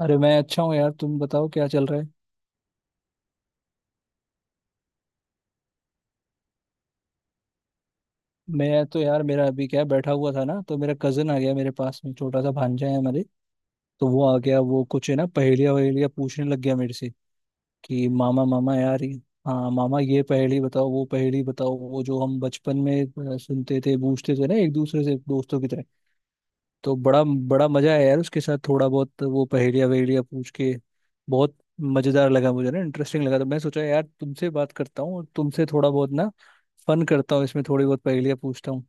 अरे मैं अच्छा हूँ यार। तुम बताओ क्या चल रहा है। मैं तो यार मेरा अभी क्या है, बैठा हुआ था ना तो मेरा कजन आ गया मेरे पास में। छोटा सा भांजा है हमारे तो वो आ गया। वो कुछ है ना पहेलियाँ वहेलियाँ पूछने लग गया मेरे से कि मामा मामा यार ये- हाँ मामा ये पहेली बताओ वो पहेली बताओ। वो जो हम बचपन में सुनते थे पूछते थे ना एक दूसरे से दोस्तों की तरह। तो बड़ा बड़ा मजा आया यार उसके साथ थोड़ा बहुत वो पहेलिया वहेलिया पूछ के। बहुत मजेदार लगा मुझे ना, इंटरेस्टिंग लगा। तो मैं सोचा यार तुमसे बात करता हूँ और तुमसे थोड़ा बहुत ना फन करता हूँ, इसमें थोड़ी बहुत पहेलियाँ पूछता हूँ।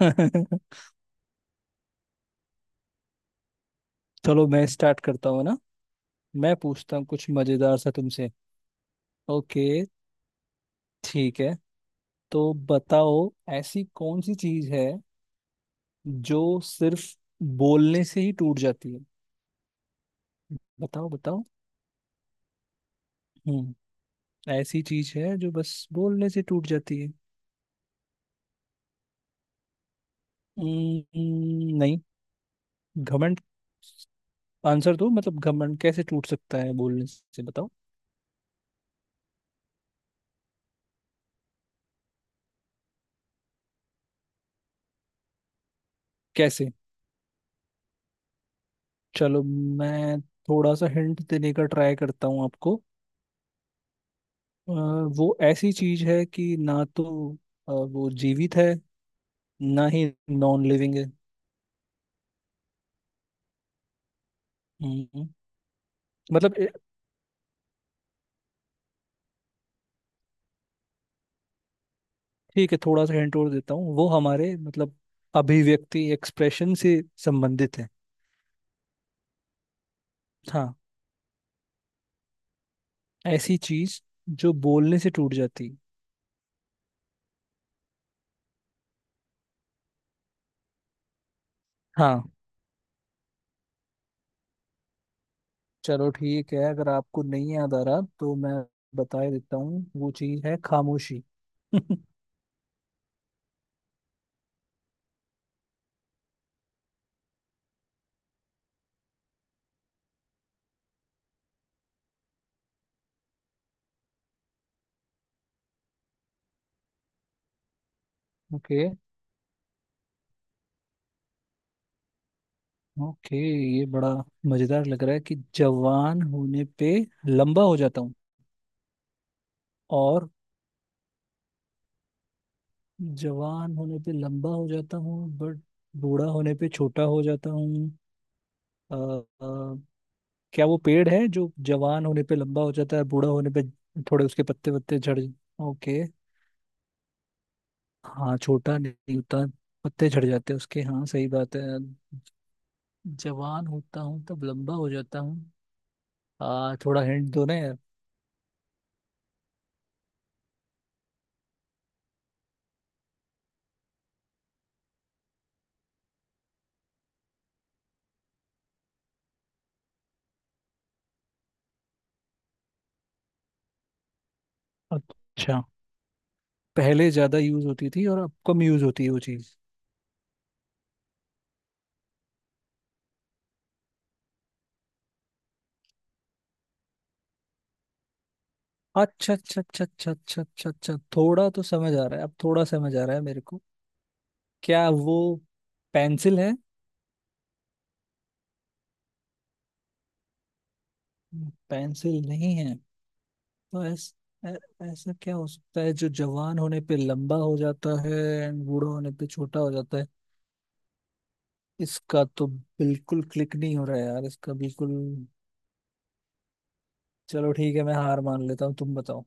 चलो मैं स्टार्ट करता हूँ ना। मैं पूछता हूँ कुछ मजेदार सा तुमसे। ओके, ठीक है। तो बताओ ऐसी कौन सी चीज है जो सिर्फ बोलने से ही टूट जाती है। बताओ बताओ। हम्म, ऐसी चीज है जो बस बोलने से टूट जाती है। नहीं घमंड। आंसर दो, मतलब घमंड कैसे टूट सकता है बोलने से, बताओ कैसे। चलो मैं थोड़ा सा हिंट देने का ट्राई करता हूँ आपको। अ, वो ऐसी चीज है कि ना तो वो जीवित है ना ही नॉन लिविंग है। हम्म, मतलब ठीक है थोड़ा सा हिंट और देता हूँ। वो हमारे मतलब अभिव्यक्ति, एक्सप्रेशन से संबंधित है। हाँ ऐसी चीज जो बोलने से टूट जाती। हाँ चलो ठीक है, अगर आपको नहीं याद आ रहा तो मैं बता ही देता हूँ। वो चीज़ है खामोशी। Okay, okay. ये बड़ा मजेदार लग रहा है कि जवान होने पे लंबा हो जाता हूँ और जवान होने पे लंबा हो जाता हूँ बट बूढ़ा होने पे छोटा हो जाता हूँ। अ, अ, क्या वो पेड़ है जो जवान होने पे लंबा हो जाता है, बूढ़ा होने पे थोड़े उसके पत्ते वत्ते झड़। ओके, हाँ छोटा नहीं होता, पत्ते झड़ जाते हैं उसके, हाँ सही बात है। जवान होता हूँ तब लंबा हो जाता हूँ। आ थोड़ा हिंट दो ना यार। अच्छा, पहले ज्यादा यूज होती थी और अब कम यूज होती है वो चीज। अच्छा अच्छा अच्छा अच्छा अच्छा अच्छा अच्छा, थोड़ा तो समझ आ रहा है, अब थोड़ा समझ आ रहा है मेरे को। क्या वो पेंसिल है? पेंसिल नहीं है। तो ऐ, ऐसा क्या हो सकता है जो जवान होने पे लंबा हो जाता है एंड बूढ़ा होने पे छोटा हो जाता है। इसका तो बिल्कुल क्लिक नहीं हो रहा है यार, इसका बिल्कुल। चलो ठीक है, मैं हार मान लेता हूँ, तुम बताओ।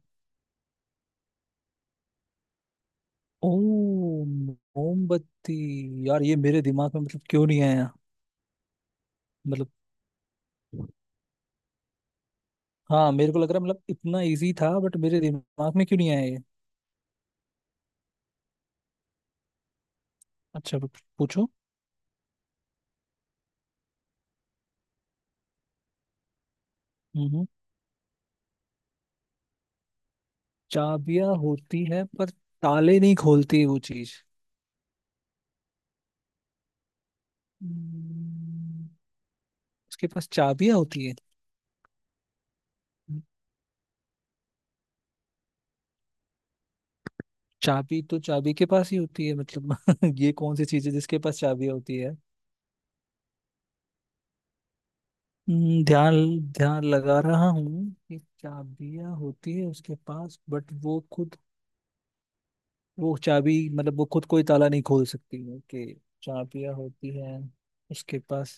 ओ मोमबत्ती। यार ये मेरे दिमाग में मतलब क्यों नहीं आया। मतलब हाँ मेरे को लग रहा है, मतलब इतना इजी था बट मेरे दिमाग में क्यों नहीं आया ये। अच्छा, बट पूछो। हम्म, चाबियां होती है पर ताले नहीं खोलती वो चीज। हम्म, उसके पास चाबियां होती है। चाबी तो चाबी के पास ही होती है मतलब ये कौन सी चीज है जिसके पास चाबियां होती है। ध्यान, ध्यान लगा रहा हूँ कि चाबियां होती है उसके पास बट वो खुद, वो चाबी मतलब वो खुद कोई ताला नहीं खोल सकती है कि चाबियां होती हैं उसके पास।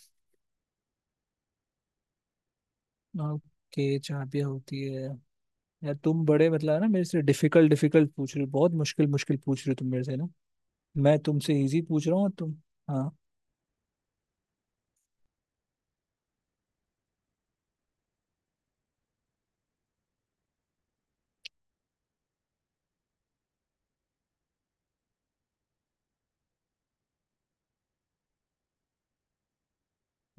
ओके, चाबियां होती है। यार तुम बड़े मतलब है ना, मेरे से डिफिकल्ट डिफिकल्ट पूछ रहे हो, बहुत मुश्किल मुश्किल पूछ रहे हो तुम मेरे से ना। मैं तुमसे इजी पूछ रहा हूँ तुम। हाँ,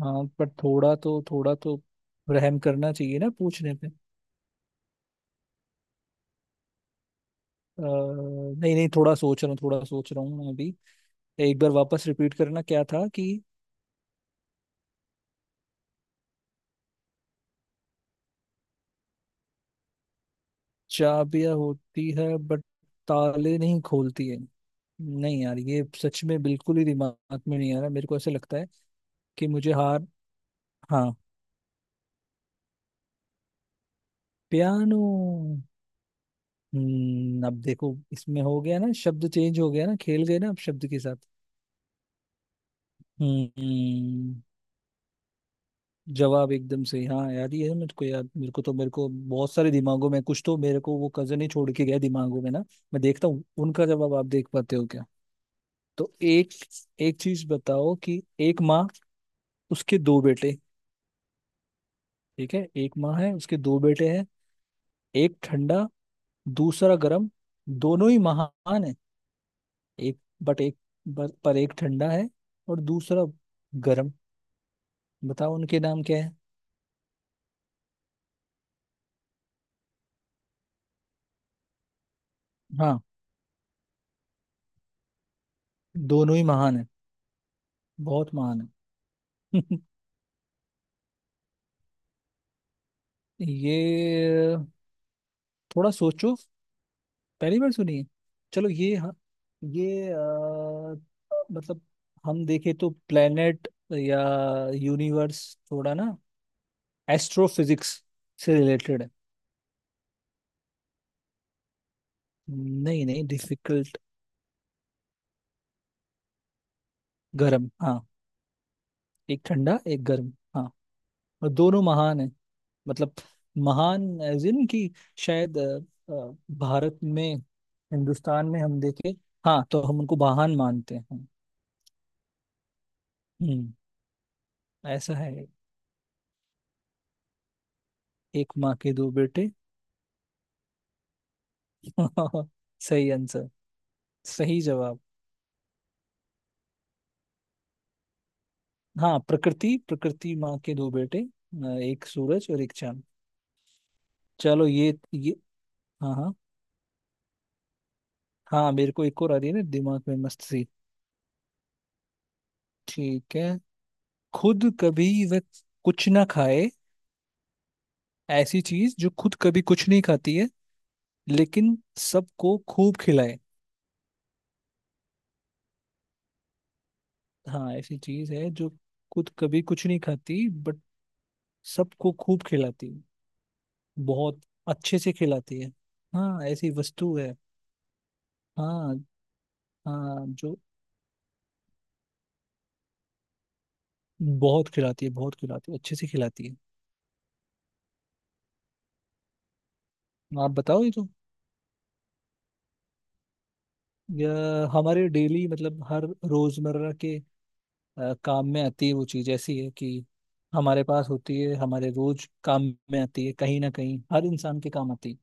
हाँ पर थोड़ा तो रहम करना चाहिए ना पूछने पे। नहीं नहीं, थोड़ा सोच रहा हूँ मैं अभी। एक बार वापस रिपीट करना क्या था कि चाबियां होती है बट ताले नहीं खोलती है। नहीं यार ये सच में बिल्कुल ही दिमाग में नहीं आ रहा मेरे को, ऐसा लगता है कि मुझे हार, हाँ, पियानो। हम्म, अब देखो इसमें हो गया ना, शब्द चेंज हो गया ना, खेल गए ना अब शब्द के साथ। हम्म, जवाब एकदम सही। हाँ यार ये है मेरे को याद, मेरे को तो मेरे को बहुत सारे दिमागों में, कुछ तो मेरे को वो कजन ही छोड़ के गया दिमागों में ना। मैं देखता हूँ उनका जवाब, आप देख पाते हो क्या। तो एक एक चीज बताओ कि एक माँ, उसके दो बेटे। ठीक है एक माँ है, उसके दो बेटे हैं, एक ठंडा, दूसरा गर्म, दोनों ही महान है। एक बट एक पर एक ठंडा है और दूसरा गर्म, बताओ उनके नाम क्या है। हाँ दोनों ही महान है, बहुत महान है। ये थोड़ा सोचो। पहली बार सुनिए। चलो ये हाँ, ये मतलब हम देखें तो प्लेनेट या यूनिवर्स, थोड़ा ना एस्ट्रोफिजिक्स से रिलेटेड है। नहीं नहीं डिफिकल्ट। गर्म, हाँ। एक ठंडा एक गर्म, हाँ। और दोनों महान है, मतलब महान एज इन की शायद भारत में, हिंदुस्तान में हम देखे, हाँ तो हम उनको महान मानते हैं। हम्म, ऐसा है, एक माँ के दो बेटे। सही आंसर, सही जवाब। हाँ प्रकृति, प्रकृति माँ के दो बेटे, एक सूरज और एक चांद। चलो ये, हाँ हाँ। हाँ मेरे को एक और आ रही है ना दिमाग में, मस्त सी। ठीक है, खुद कभी वह कुछ ना खाए, ऐसी चीज जो खुद कभी कुछ नहीं खाती है लेकिन सबको खूब खिलाए। हाँ ऐसी चीज है जो खुद कभी कुछ नहीं खाती बट सबको खूब खिलाती है, बहुत अच्छे से खिलाती है। हाँ ऐसी वस्तु है। हाँ हाँ जो बहुत खिलाती है, बहुत खिलाती है, अच्छे से खिलाती है। आप बताओ, ये तो, या हमारे डेली मतलब हर रोजमर्रा के काम में आती है। वो चीज ऐसी है कि हमारे पास होती है, हमारे रोज काम में आती है, कहीं ना कहीं हर इंसान के काम आती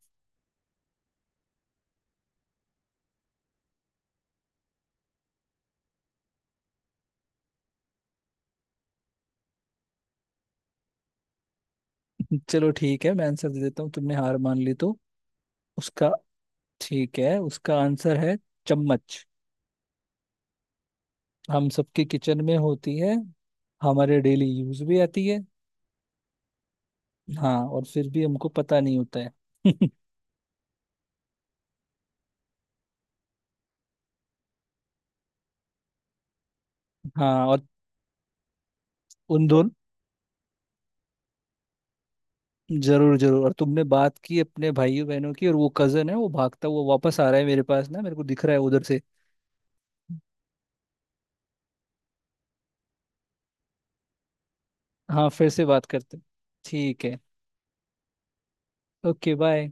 है। चलो ठीक है मैं आंसर दे देता हूँ, तुमने हार मान ली तो। उसका, ठीक है उसका आंसर है चम्मच। हम सबके किचन में होती है, हमारे डेली यूज भी आती है। हाँ और फिर भी हमको पता नहीं होता है। हाँ और उन दोनों, जरूर जरूर। और तुमने बात की अपने भाइयों बहनों की, और वो कजन है वो भागता हुआ वापस आ रहा है मेरे पास ना, मेरे को दिख रहा है उधर से। हाँ फिर से बात करते हैं। ठीक है, ओके बाय।